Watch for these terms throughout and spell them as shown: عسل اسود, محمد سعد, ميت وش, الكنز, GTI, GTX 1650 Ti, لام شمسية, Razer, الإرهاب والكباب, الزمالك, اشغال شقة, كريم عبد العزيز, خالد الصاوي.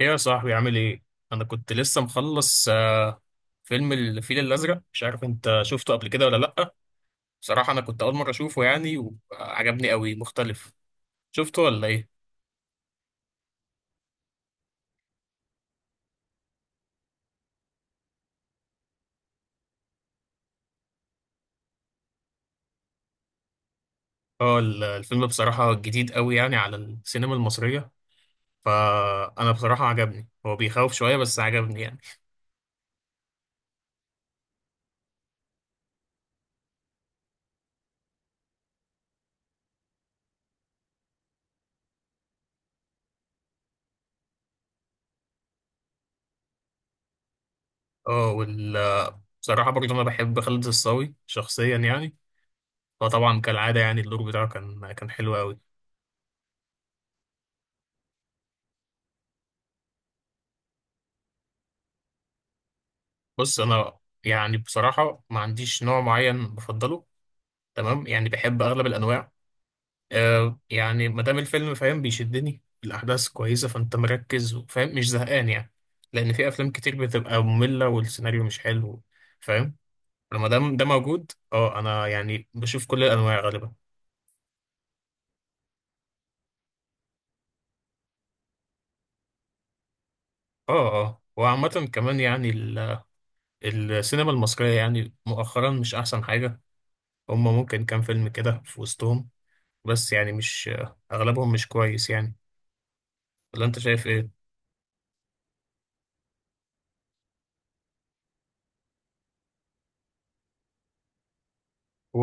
ايه يا صاحبي عامل ايه؟ انا كنت لسه مخلص فيلم الفيل الازرق. مش عارف انت شفته قبل كده ولا لأ؟ بصراحة انا كنت اول مرة اشوفه يعني، وعجبني قوي، مختلف. شفته ولا ايه؟ اه، الفيلم بصراحة جديد قوي يعني على السينما المصرية، فانا بصراحة عجبني. هو بيخوف شوية بس عجبني يعني. اه، بصراحة برضه انا بحب خالد الصاوي شخصيا يعني، فطبعا كالعادة يعني الدور بتاعه كان حلو قوي. بص انا، يعني بصراحة ما عنديش نوع معين بفضله، تمام، يعني بحب اغلب الانواع. يعني ما دام الفيلم فاهم، بيشدني، الاحداث كويسه، فانت مركز وفاهم، مش زهقان يعني. لان في افلام كتير بتبقى ممله والسيناريو مش حلو، فاهم. لما دام ده موجود، اه، انا يعني بشوف كل الانواع غالبا. اه، اه، وعامه كمان يعني السينما المصريه يعني مؤخرا مش احسن حاجه. هم ممكن كام فيلم كده في وسطهم، بس يعني مش اغلبهم مش كويس يعني. ولا انت شايف ايه؟ و...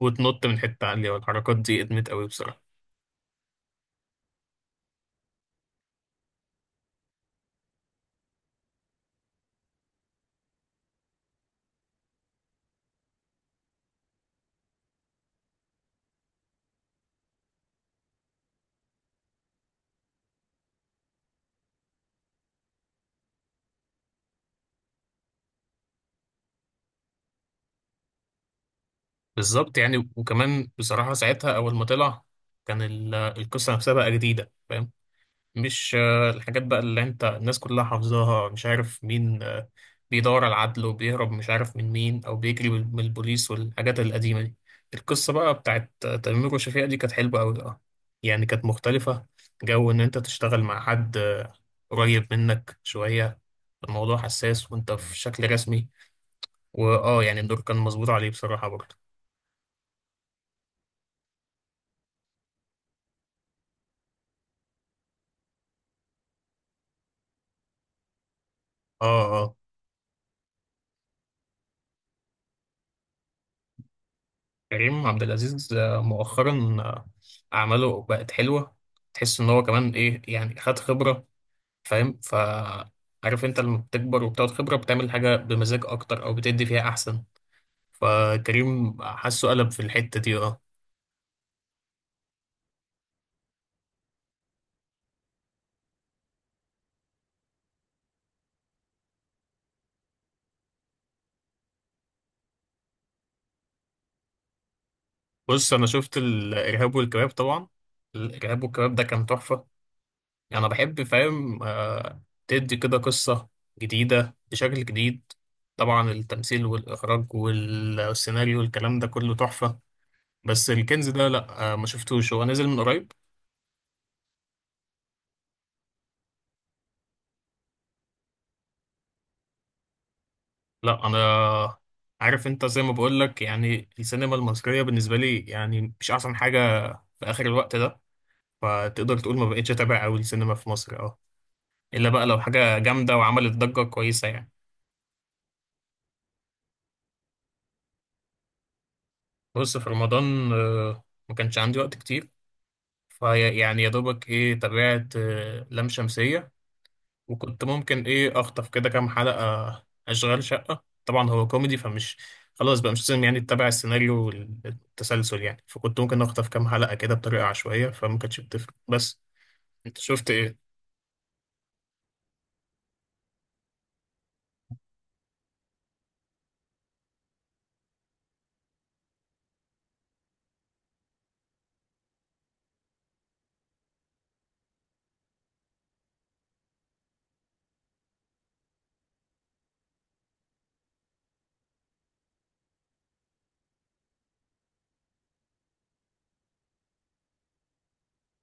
وتنط من حتة عالية والحركات دي ادمت قوي بصراحة. بالظبط يعني، وكمان بصراحة ساعتها أول ما طلع كان القصة نفسها بقى جديدة، فاهم. مش الحاجات بقى اللي أنت الناس كلها حافظاها، مش عارف مين بيدور على العدل، وبيهرب مش عارف من مين، أو بيجري من البوليس، والحاجات القديمة دي. القصة بقى بتاعت تيمور وشفيقة دي كانت حلوة أوي، أه. يعني كانت مختلفة. جو إن أنت تشتغل مع حد قريب منك شوية، الموضوع حساس، وأنت في شكل رسمي. واه، يعني الدور كان مظبوط عليه بصراحة برضه. اه، اه، كريم عبد العزيز مؤخرا أعماله بقت حلوة. تحس إن هو كمان إيه يعني، خد خبرة، فاهم. عارف أنت لما بتكبر وبتاخد خبرة بتعمل حاجة بمزاج أكتر، أو بتدي فيها أحسن. فكريم حاسه قلب في الحتة دي، اه. بص أنا شفت الإرهاب والكباب طبعا. الإرهاب والكباب ده كان تحفة. يعني انا بحب، فاهم، تدي كده قصة جديدة بشكل جديد. طبعا التمثيل والاخراج والسيناريو والكلام ده كله تحفة. بس الكنز ده لا، ما شفتوش، هو نزل من قريب. لا، انا عارف، انت زي ما بقول لك يعني السينما المصرية بالنسبة لي يعني مش احسن حاجة في اخر الوقت ده. فتقدر تقول ما بقتش اتابع قوي السينما في مصر، اه، الا بقى لو حاجة جامدة وعملت ضجة كويسة يعني. بص، في رمضان ما كانش عندي وقت كتير. فيعني يا دوبك ايه، تابعت لام شمسية، وكنت ممكن ايه اخطف كده كام حلقة اشغال شقة. طبعا هو كوميدي، فمش، خلاص بقى مش لازم يعني تتابع السيناريو والتسلسل يعني، فكنت ممكن اخطف كام حلقة كده بطريقة عشوائية فما كانتش بتفرق، بس. انت شفت ايه؟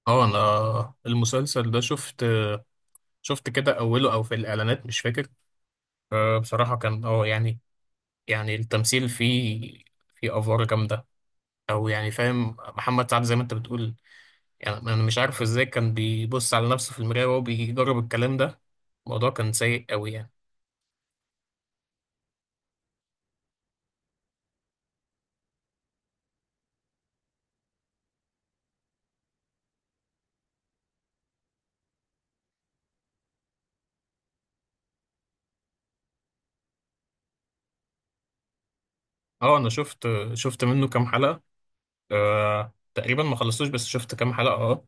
اه، انا المسلسل ده شفت، شفت كده اوله او في الاعلانات مش فاكر. بصراحة كان، يعني التمثيل فيه، فيه افوار جامدة، او يعني فاهم، محمد سعد زي ما انت بتقول. يعني انا مش عارف ازاي كان بيبص على نفسه في المراية وهو بيجرب الكلام ده. الموضوع كان سيء قوي يعني. اه انا شفت منه كام حلقة، آه، تقريبا ما خلصتوش، بس شفت كام حلقة، اه.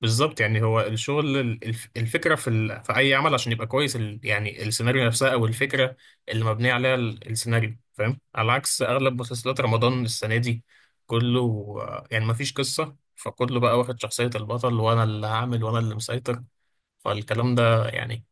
بالظبط، يعني هو الشغل الفكرة في اي عمل عشان يبقى كويس، يعني السيناريو نفسها او الفكرة اللي مبنية عليها السيناريو، فاهم، على عكس اغلب مسلسلات رمضان السنة دي. كله يعني ما فيش قصة، فكله بقى واخد شخصية البطل، وانا اللي هعمل وانا اللي مسيطر. فالكلام ده يعني.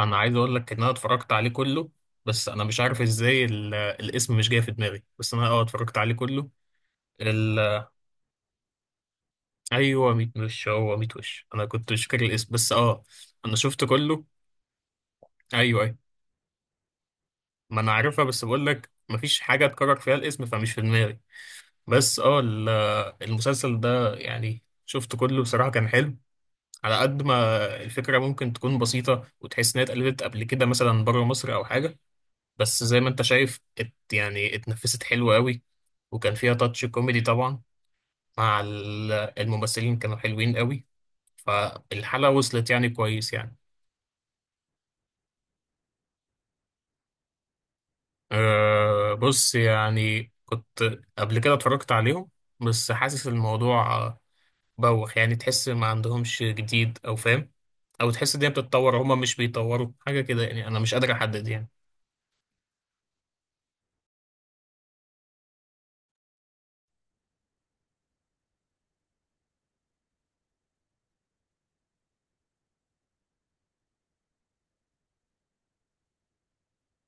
انا عايز اقول لك ان انا اتفرجت عليه كله، بس انا مش عارف ازاي الاسم مش جاي في دماغي، بس انا، اه، اتفرجت عليه كله. ال... ايوه، ميت وش، هو ميت وش، انا كنت مش فاكر الاسم، بس اه. انا شفت كله، ايوه ايوه، ما انا عارفها، بس بقول لك مفيش حاجه اتكرر فيها الاسم فمش في دماغي. بس اه ال- المسلسل ده يعني شفت كله، بصراحه كان حلو. على قد ما الفكره ممكن تكون بسيطه، وتحس انها اتقلدت قبل كده مثلا بره مصر او حاجه، بس زي ما انت شايف، يعني اتنفست حلو قوي. وكان فيها تاتش كوميدي طبعا، مع الممثلين كانوا حلوين قوي. فالحلقة وصلت يعني كويس يعني. أه، بص، يعني كنت قبل كده اتفرجت عليهم، بس حاسس الموضوع، بوخ يعني، تحس ما عندهمش جديد، او فاهم، او تحس ان هي بتتطور، هما مش بيطوروا حاجة كده يعني. انا مش قادر احدد يعني.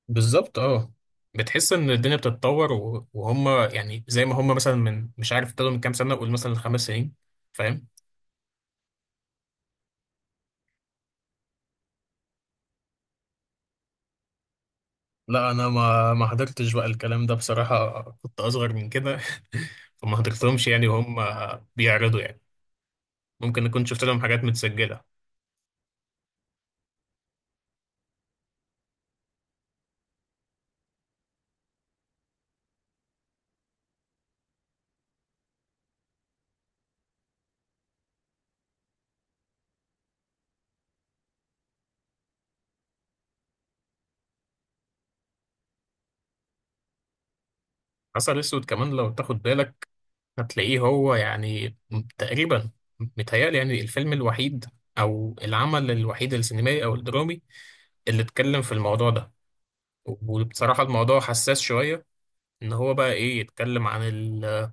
بالظبط اه. بتحس ان الدنيا بتتطور، وهم يعني زي ما هم مثلا، من مش عارف، ابتدوا من كام سنه، قول مثلا 5 سنين، فاهم. لا، انا ما حضرتش بقى الكلام ده بصراحه، كنت اصغر من كده فما حضرتهمش يعني وهم بيعرضوا يعني، ممكن اكون شفت لهم حاجات متسجله. عسل اسود كمان لو تاخد بالك هتلاقيه هو يعني، تقريبا، متهيألي يعني الفيلم الوحيد، او العمل الوحيد السينمائي او الدرامي اللي اتكلم في الموضوع ده. وبصراحة الموضوع حساس شوية، ان هو بقى ايه، يتكلم عن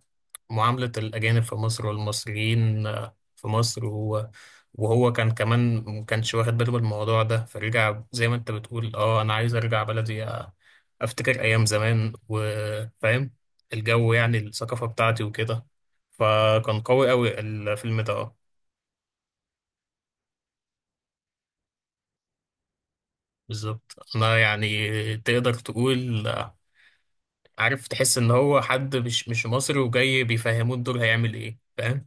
معاملة الاجانب في مصر والمصريين في مصر، وهو كان كمان ما كانش واخد باله من الموضوع ده، فرجع زي ما انت بتقول، اه انا عايز ارجع بلدي، افتكر ايام زمان، وفاهم الجو يعني، الثقافة بتاعتي وكده. فكان قوي قوي الفيلم ده، اه. بالظبط، انا يعني تقدر تقول، عارف، تحس ان هو حد مش مصري وجاي بيفهموه الدور هيعمل ايه، فاهم.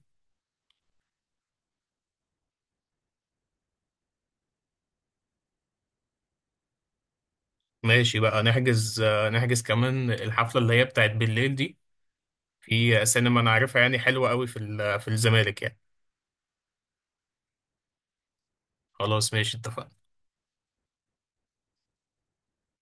ماشي بقى، نحجز كمان الحفلة اللي هي بتاعت بالليل دي، في سينما أنا عارفها يعني حلوة قوي في الزمالك يعني. خلاص، ماشي، اتفقنا.